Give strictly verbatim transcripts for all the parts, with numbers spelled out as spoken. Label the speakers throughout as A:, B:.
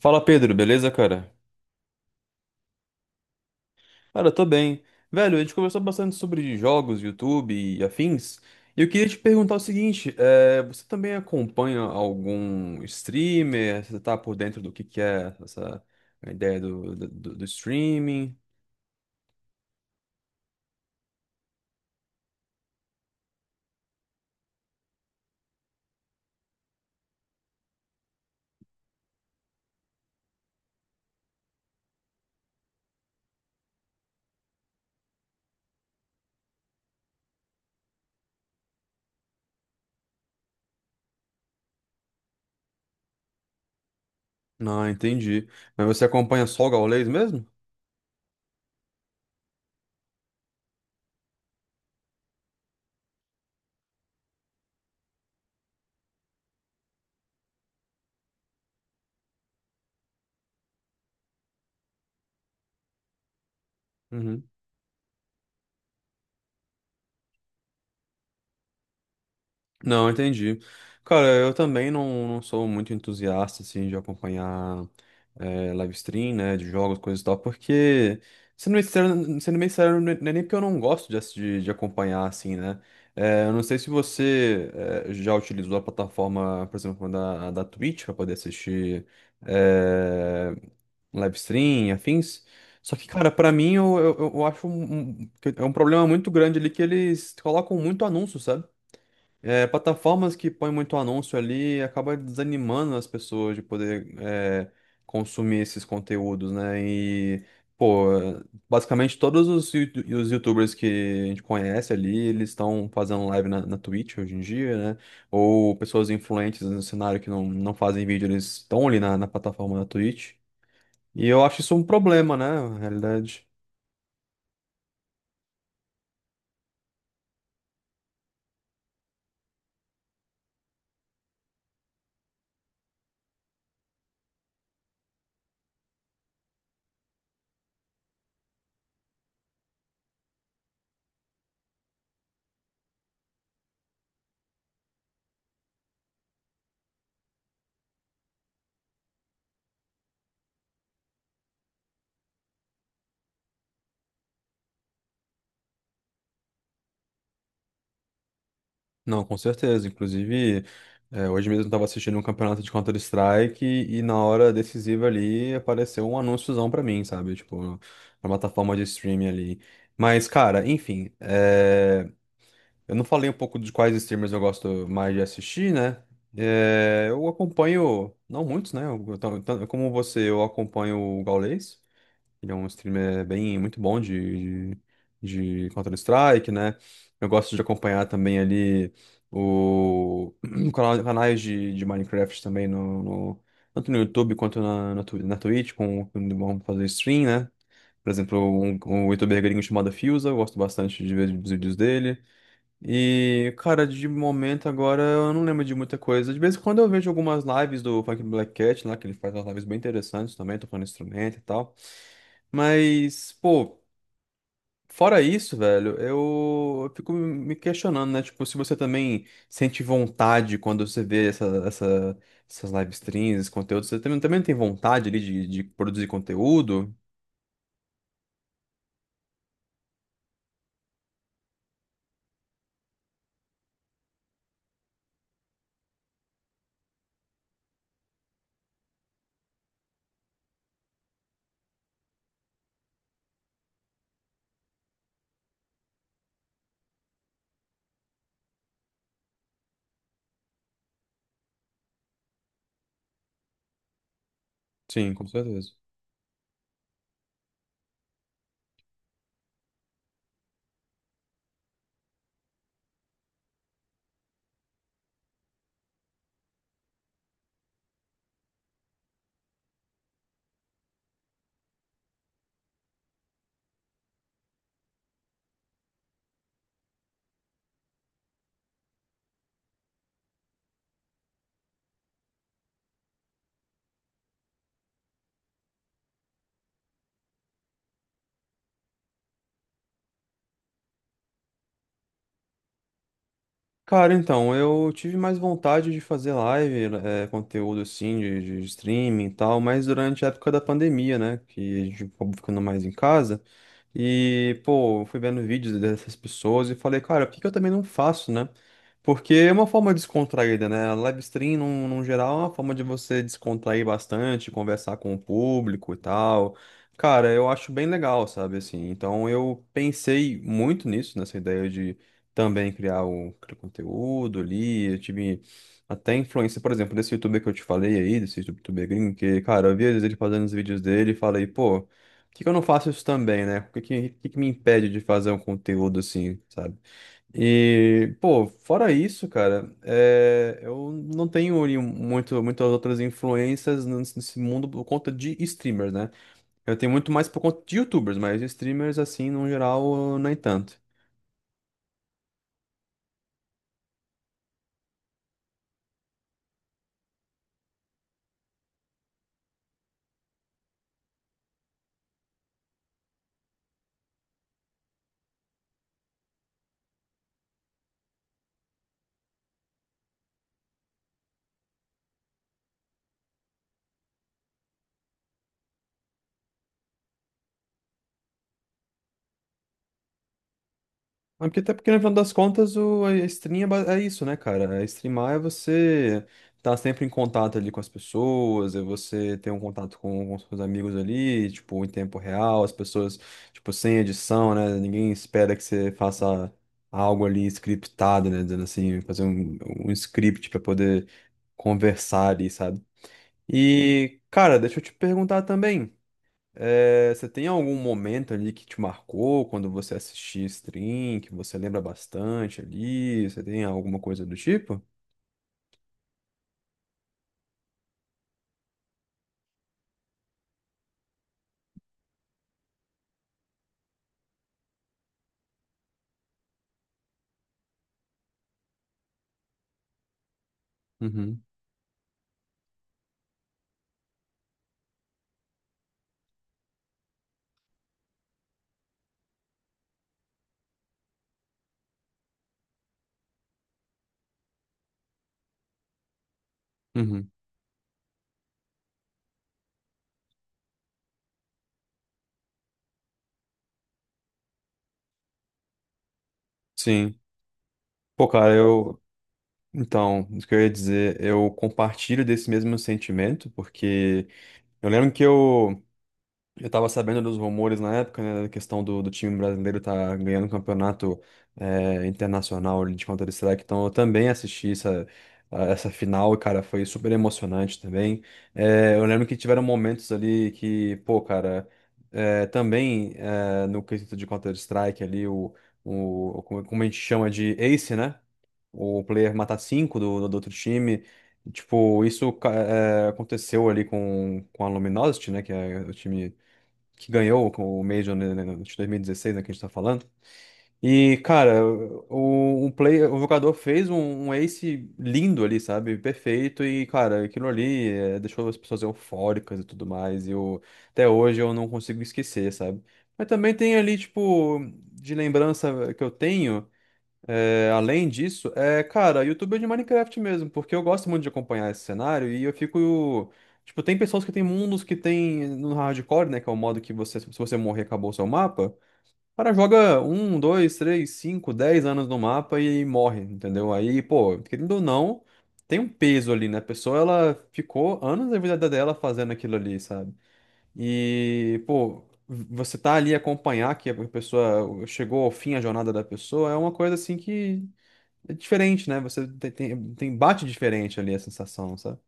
A: Fala Pedro, beleza, cara? Cara, eu tô bem. Velho, a gente conversou bastante sobre jogos, YouTube e afins. E eu queria te perguntar o seguinte: é, você também acompanha algum streamer? Você tá por dentro do que que é essa ideia do, do, do streaming? Não, entendi. Mas você acompanha só o Gaules mesmo? Uhum. Não, entendi. Cara, eu também não, não sou muito entusiasta, assim, de acompanhar é, live stream, né, de jogos, coisas e tal, porque, sendo bem sincero, sendo bem sincero, não é é nem porque eu não gosto de, ass- de, de acompanhar, assim, né. É, eu não sei se você é, já utilizou a plataforma, por exemplo, da, da Twitch para poder assistir é, live stream e afins, só que, cara, pra mim, eu, eu, eu acho um, um- que é um problema muito grande ali, que eles colocam muito anúncio, sabe? É, plataformas que põem muito anúncio ali acaba desanimando as pessoas de poder é, consumir esses conteúdos, né? E, pô, basicamente todos os, yu- os YouTubers que a gente conhece ali, eles estão fazendo live na, na Twitch hoje em dia, né? Ou pessoas influentes no cenário que não, não fazem vídeo, eles estão ali na, na plataforma da Twitch. E eu acho isso um problema, né? Na realidade. Não, com certeza. Inclusive, eh, hoje mesmo eu estava assistindo um campeonato de Counter-Strike e, e na hora decisiva ali apareceu um anúnciozão pra mim, sabe? Tipo, na plataforma de streaming ali. Mas, cara, enfim, eh, eu não falei um pouco de quais streamers eu gosto mais de assistir, né? Eh, eu acompanho, não muitos, né? Eu- eu- tanto como você, eu acompanho o Gaules. Ele é um streamer bem, muito bom de, de, de Counter-Strike, né? Eu gosto de acompanhar também ali o canal- canais de, de Minecraft também, no, no- tanto no YouTube quanto na, na, Twi- na Twitch, com, quando vão fazer stream, né? Por exemplo, um, um youtuber gringo chamado Fusa, eu gosto bastante de ver os vídeos dele. E, cara, de momento agora eu não lembro de muita coisa. De vez em quando eu vejo algumas lives do Funk Black Cat lá, que ele faz umas lives bem interessantes também, tocando instrumento e tal. Mas, pô, fora isso, velho, eu eu fico me questionando, né? Tipo, se você também sente vontade quando você vê essa, essa- essas live streams, esse conteúdo, você também, também tem vontade ali de, de produzir conteúdo? Sim, com certeza. Cara, então, eu tive mais vontade de fazer live, eh, conteúdo assim, de, de streaming e tal, mas durante a época da pandemia, né, que a gente acabou ficando mais em casa, e, pô, eu fui vendo vídeos dessas pessoas e falei, cara, por que que eu também não faço, né? Porque é uma forma descontraída, né? A live stream, num, num geral, é uma forma de você descontrair bastante, conversar com o público e tal. Cara, eu acho bem legal, sabe, assim. Então eu pensei muito nisso, nessa ideia também criar o criar conteúdo ali. Eu tive até influência, por exemplo, desse youtuber que eu te falei aí, desse youtuber gringo, que, cara, eu vi às vezes ele fazendo os vídeos dele e falei, pô, por que que eu não faço isso também, né? O que que, o que que me impede de fazer um conteúdo assim, sabe? E, pô, fora isso, cara, é, eu não tenho ali muito, muitas outras influências nesse nesse mundo por conta de streamers, né? Eu tenho muito mais por conta de YouTubers, mas streamers, assim, no geral, nem tanto. Ah, porque até porque, no final das contas, o, a stream é, ba- é isso, né, cara? É, streamar é você estar sempre em contato ali com as pessoas, é você ter um contato com, os seus amigos ali, tipo, em tempo real, as pessoas, tipo, sem edição, né? Ninguém espera que você faça algo ali scriptado, né? Dizendo assim, fazer um, um script para poder conversar ali, sabe? E, cara, deixa eu te perguntar também. É, você tem algum momento ali que te marcou quando você assistia stream, que você lembra bastante ali? Você tem alguma coisa do tipo? Uhum, uhum. Sim. Pô, cara, eu. Então, isso que eu ia dizer, eu compartilho desse mesmo sentimento, porque eu lembro que eu. Eu tava sabendo dos rumores na época, né, da questão do, do time brasileiro tá ganhando um campeonato eh, internacional de Counter-Strike, então eu também assisti essa, a- essa final, e, cara, foi super emocionante também. Eh, eu lembro que tiveram momentos ali que, pô, cara, eh, também eh, no quesito de Counter-Strike ali, o, o, como como a gente chama de Ace, né? O player matar cinco do, do do outro time. Tipo, isso ca- eh, aconteceu ali com, com a Luminosity, né? Que é o time que ganhou o Major né, né, de dois mil e dezesseis, né, que a gente tá falando. E, cara, o, o, player, o jogador fez um, um ace lindo ali, sabe? Perfeito. E, cara, aquilo ali é, deixou as pessoas eufóricas e tudo mais. E eu, até hoje eu não consigo esquecer, sabe? Mas também tem ali, tipo, de lembrança que eu tenho. É, além disso, é, cara, YouTube é de Minecraft mesmo, porque eu gosto muito de acompanhar esse cenário e eu fico. Tipo, tem pessoas que tem mundos que tem no hardcore, né? Que é o modo que, você, se você morrer, acabou o seu mapa. O cara joga um, dois, três, cinco, dez anos no mapa e morre, entendeu? Aí, pô, querendo ou não, tem um peso ali, né? A pessoa, ela ficou anos da vida dela fazendo aquilo ali, sabe? E, pô, você tá ali acompanhar que a pessoa chegou ao fim, a jornada da pessoa, é uma coisa assim que. É diferente, né? Você tem, tem, tem- bate diferente ali a sensação, sabe?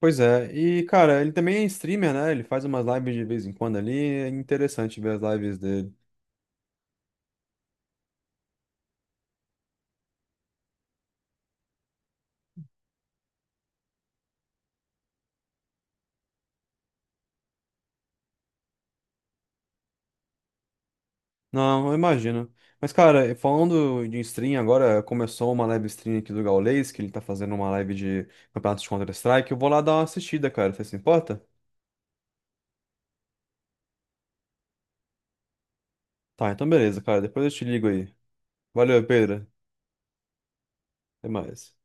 A: Pois é, e cara, ele também é streamer, né? Ele faz umas lives de vez em quando ali, é interessante ver as lives dele. Não, eu imagino. Mas cara, falando de stream, agora começou uma live stream aqui do Gaules, que ele tá fazendo uma live de campeonato de Counter-Strike. Eu vou lá dar uma assistida, cara, você se importa? Tá, então beleza, cara, depois eu te ligo aí. Valeu, Pedro, até mais.